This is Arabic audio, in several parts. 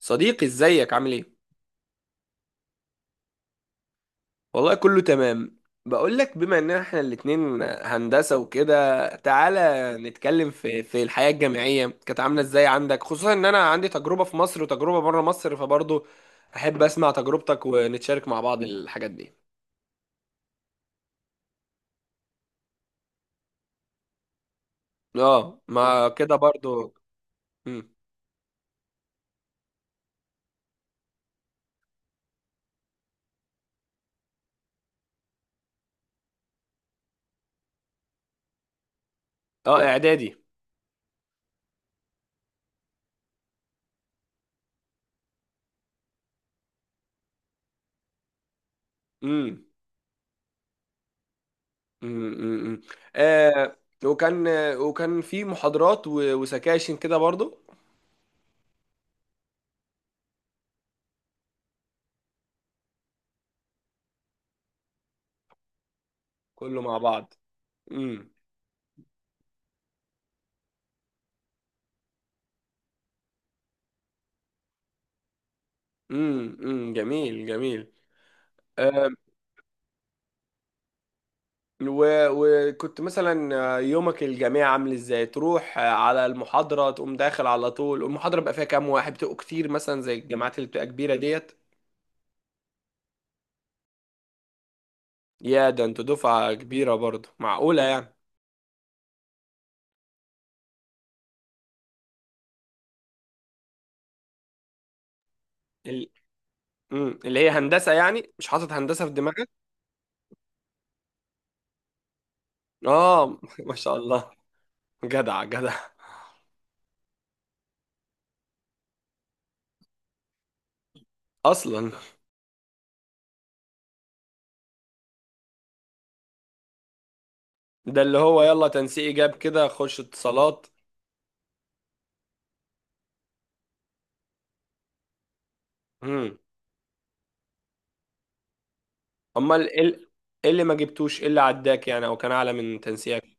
صديقي، ازيك؟ عامل ايه؟ والله كله تمام. بقول لك، بما ان احنا الاتنين هندسة وكده، تعالى نتكلم في الحياة الجامعية، كانت عاملة ازاي عندك؟ خصوصا ان انا عندي تجربة في مصر وتجربة بره مصر، فبرضه احب اسمع تجربتك ونتشارك مع بعض الحاجات دي. اه، ما كده برضه. مم. اه، اعدادي. امم، امم، آه. وكان وكان في محاضرات وسكاشن كده برضه. كله مع بعض. امم، امم، امم، جميل جميل. آم، وكنت مثلا، يومك الجامعي عامل ازاي؟ تروح على المحاضرة، تقوم داخل على طول، المحاضرة بقى فيها كام واحد؟ بتبقوا كتير مثلا زي الجامعات اللي بتبقى كبيرة ديت؟ يا ده انتوا دفعة كبيرة برضه، معقولة يعني؟ ال... امم، اللي هي هندسة يعني، مش حاطط هندسة في دماغك؟ اه ما شاء الله، جدع جدع. اصلا؟ ده اللي هو يلا تنسيق جاب كده، خش اتصالات. امم. امال ايه إيه اللي ما جبتوش؟ ايه اللي عداك يعني او كان اعلى من تنسيقك؟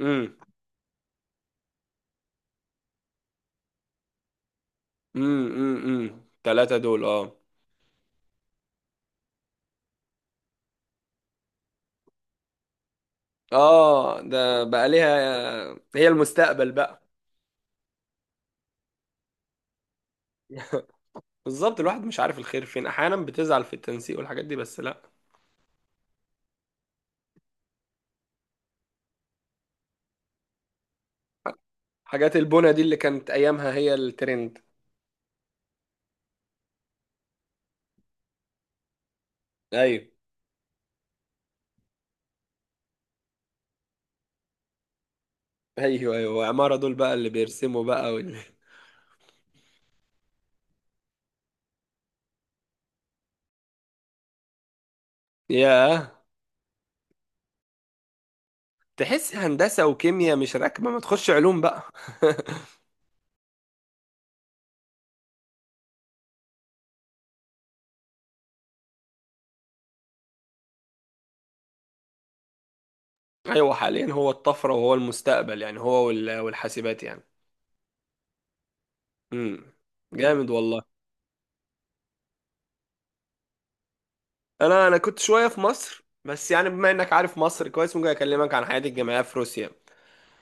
امم، امم، امم، ثلاثة دول، اه. اه، ده بقى ليها، هي المستقبل بقى. بالظبط، الواحد مش عارف الخير فين، احيانا بتزعل في التنسيق والحاجات دي، بس لا. حاجات البونة دي اللي كانت ايامها هي الترند. ايوه، ايوه، ايوه. وعمارة دول بقى اللي بيرسموا بقى ياه. تحس هندسة وكيمياء مش راكبة، ما تخش علوم بقى. ايوه، حاليا هو الطفره وهو المستقبل يعني، هو والحاسبات يعني. امم، جامد والله. انا كنت شويه في مصر، بس يعني بما انك عارف مصر كويس، ممكن اكلمك عن حياتي الجامعيه في روسيا.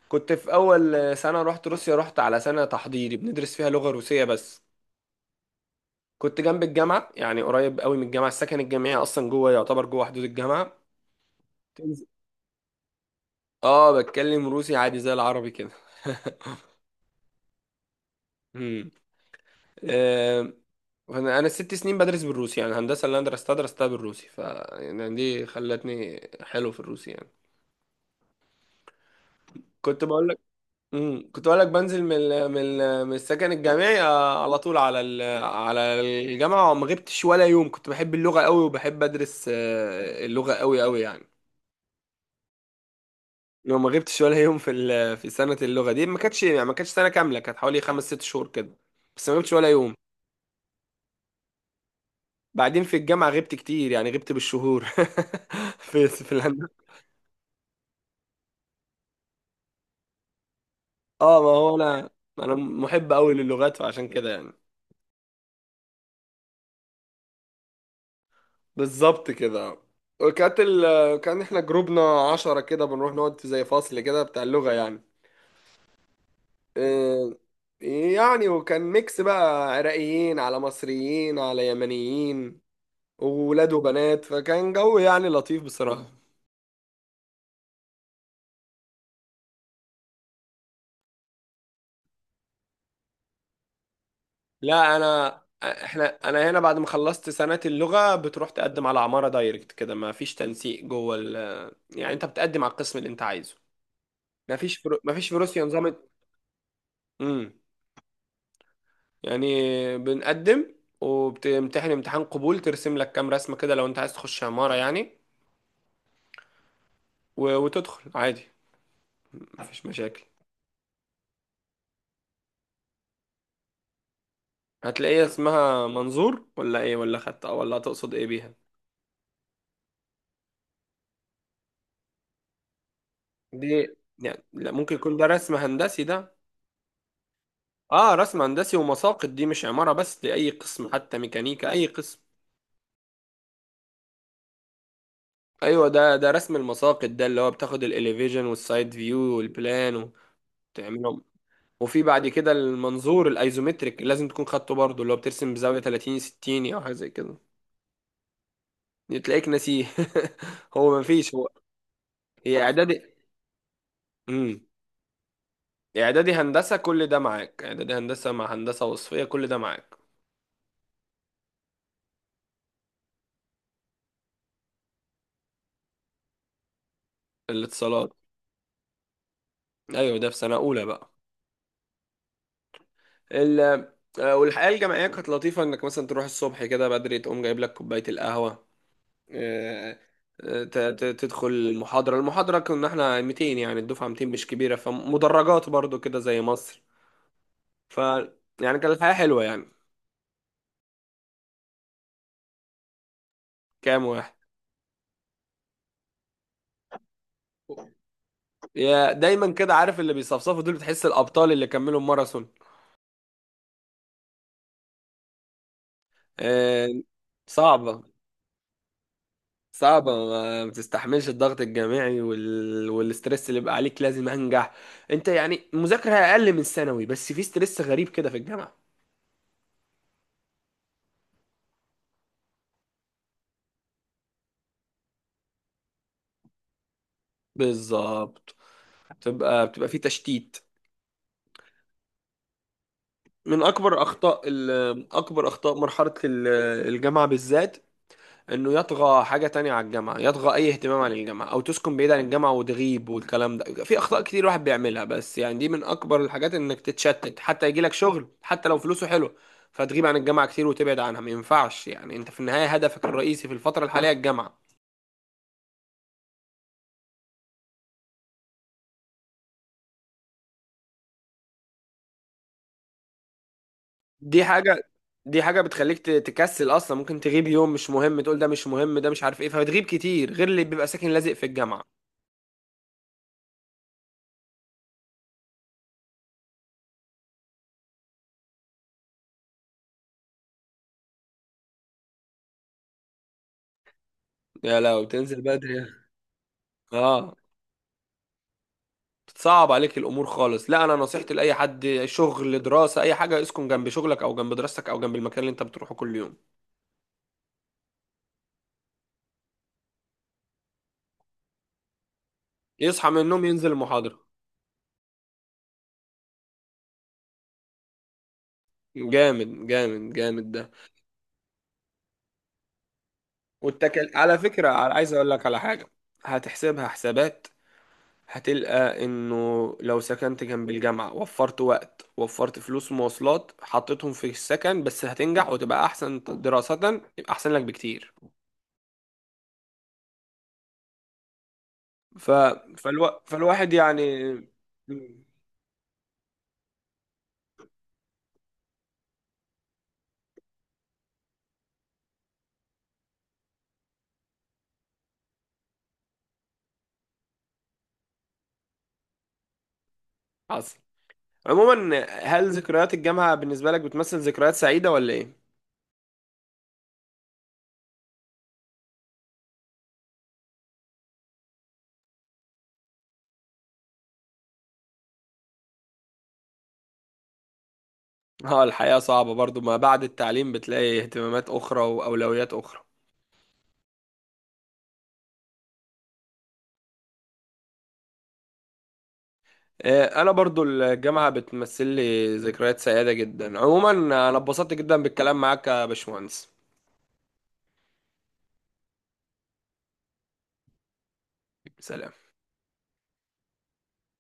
كنت في اول سنه رحت روسيا، رحت على سنه تحضيري بندرس فيها لغه روسيه بس. كنت جنب الجامعه يعني، قريب قوي من الجامعه، السكن الجامعي اصلا جوه، يعتبر جوه حدود الجامعه. تنزل. اه، بتكلم روسي عادي زي العربي كده. آه، انا 6 سنين بدرس بالروسي يعني، الهندسه اللي انا درستها درستها بالروسي، ف يعني دي خلتني حلو في الروسي يعني. كنت بقول لك. امم، كنت بقول لك بنزل من السكن الجامعي على طول على الجامعه، وما غبتش ولا يوم. كنت بحب اللغه قوي، وبحب ادرس اللغه قوي قوي يعني. لو ما غبتش ولا يوم في في سنه اللغه دي. ما كانتش يعني ما كانتش سنه كامله، كانت حوالي 5 6 شهور كده، بس ما غبتش ولا يوم. بعدين في الجامعه غبت كتير يعني، غبت بالشهور في الهندسه. اه، ما هو انا، انا محب قوي للغات، فعشان كده يعني. بالظبط كده. وكانت ال... كان احنا جروبنا 10 كده، بنروح نقعد في زي فصل كده بتاع اللغة يعني. إيه... يعني وكان ميكس بقى، عراقيين على مصريين على يمنيين وولاد وبنات، فكان جو يعني لطيف بصراحة. لا، انا هنا بعد ما خلصت سنة اللغة بتروح تقدم على عمارة دايركت كده، ما فيش تنسيق جوه يعني انت بتقدم على القسم اللي انت عايزه. ما فيش ما فيش في روسيا نظام. امم. يعني بنقدم وبتمتحن امتحان قبول، ترسم لك كام رسمة كده لو انت عايز تخش عمارة يعني، وتدخل عادي، ما فيش مشاكل. هتلاقيها اسمها منظور ولا ايه؟ ولا خدت؟ ولا تقصد ايه بيها؟ دي يعني، لا، ممكن يكون ده رسم هندسي ده. اه، رسم هندسي ومساقط، دي مش عمارة بس، دي اي قسم، حتى ميكانيكا اي قسم. ايوه، ده رسم المساقط ده، اللي هو بتاخد الاليفيجن والسايد فيو والبلان وتعمله. وفي بعد كده المنظور الايزومتريك اللي لازم تكون خدته برضه، اللي هو بترسم بزاوية 30 60 او حاجة زي كده. تلاقيك ناسيه. هو مفيش هو، هي اعدادي. امم، اعدادي هندسة كل ده معاك، اعدادي هندسة مع هندسة وصفية كل ده معاك. الاتصالات. ايوه، ده في سنة اولى بقى. ال والحياة الجامعية كانت لطيفة، انك مثلا تروح الصبح كده بدري، تقوم جايب لك كوباية القهوة، آه، تدخل المحاضرة. كنا احنا 200 يعني، الدفعة 200، مش كبيرة، فمدرجات برضو كده زي مصر. ف يعني كان الحياة حلوة يعني. كام واحد؟ يا دايما كده، عارف؟ اللي بيصفصفوا دول بتحس الأبطال اللي كملوا الماراثون. آه، صعبة، صعبة ما بتستحملش الضغط الجامعي والستريس اللي بقى عليك، لازم أنجح. أنت يعني مذاكرة أقل من ثانوي، بس في ستريس غريب كده في الجامعة. بالظبط. بتبقى في تشتيت. من أكبر أخطاء أكبر أخطاء مرحلة الجامعة بالذات، انه يطغى حاجة تانية على الجامعة، يطغى اي اهتمام عن الجامعة، او تسكن بعيد عن الجامعة وتغيب، والكلام ده، في اخطاء كتير الواحد بيعملها، بس يعني دي من اكبر الحاجات، انك تتشتت حتى يجيلك شغل، حتى لو فلوسه حلو، فتغيب عن الجامعة كتير وتبعد عنها. ما ينفعش يعني، انت في النهاية هدفك الرئيسي في الفترة الحالية الجامعة. دي حاجة، دي حاجة بتخليك تكسل اصلا. ممكن تغيب يوم مش مهم، تقول ده مش مهم، ده مش عارف ايه، فتغيب كتير، غير اللي بيبقى ساكن لازق في الجامعة. يا لو تنزل بدري. اه، بتصعب عليك الامور خالص. لا، انا نصيحتي لاي حد شغل دراسه اي حاجه، اسكن جنب شغلك او جنب دراستك او جنب المكان اللي انت بتروحه كل يوم. يصحى من النوم ينزل المحاضره. جامد جامد جامد ده. والتكل على فكره، عايز اقول لك على حاجه، هتحسبها حسابات، هتلقى انه لو سكنت جنب الجامعه وفرت وقت، وفرت فلوس مواصلات حطيتهم في السكن، بس هتنجح وتبقى احسن دراسه، يبقى احسن لك بكتير. فالواحد يعني. حصل. عموما، هل ذكريات الجامعة بالنسبة لك بتمثل ذكريات سعيدة ولا ايه؟ اه، الحياة صعبة برضو ما بعد التعليم، بتلاقي اهتمامات أخرى وأولويات أخرى. أنا برضو الجامعة بتمثل لي ذكريات سعيدة جدا. عموما أنا اتبسطت جدا بالكلام معاك يا باشمهندس. سلام.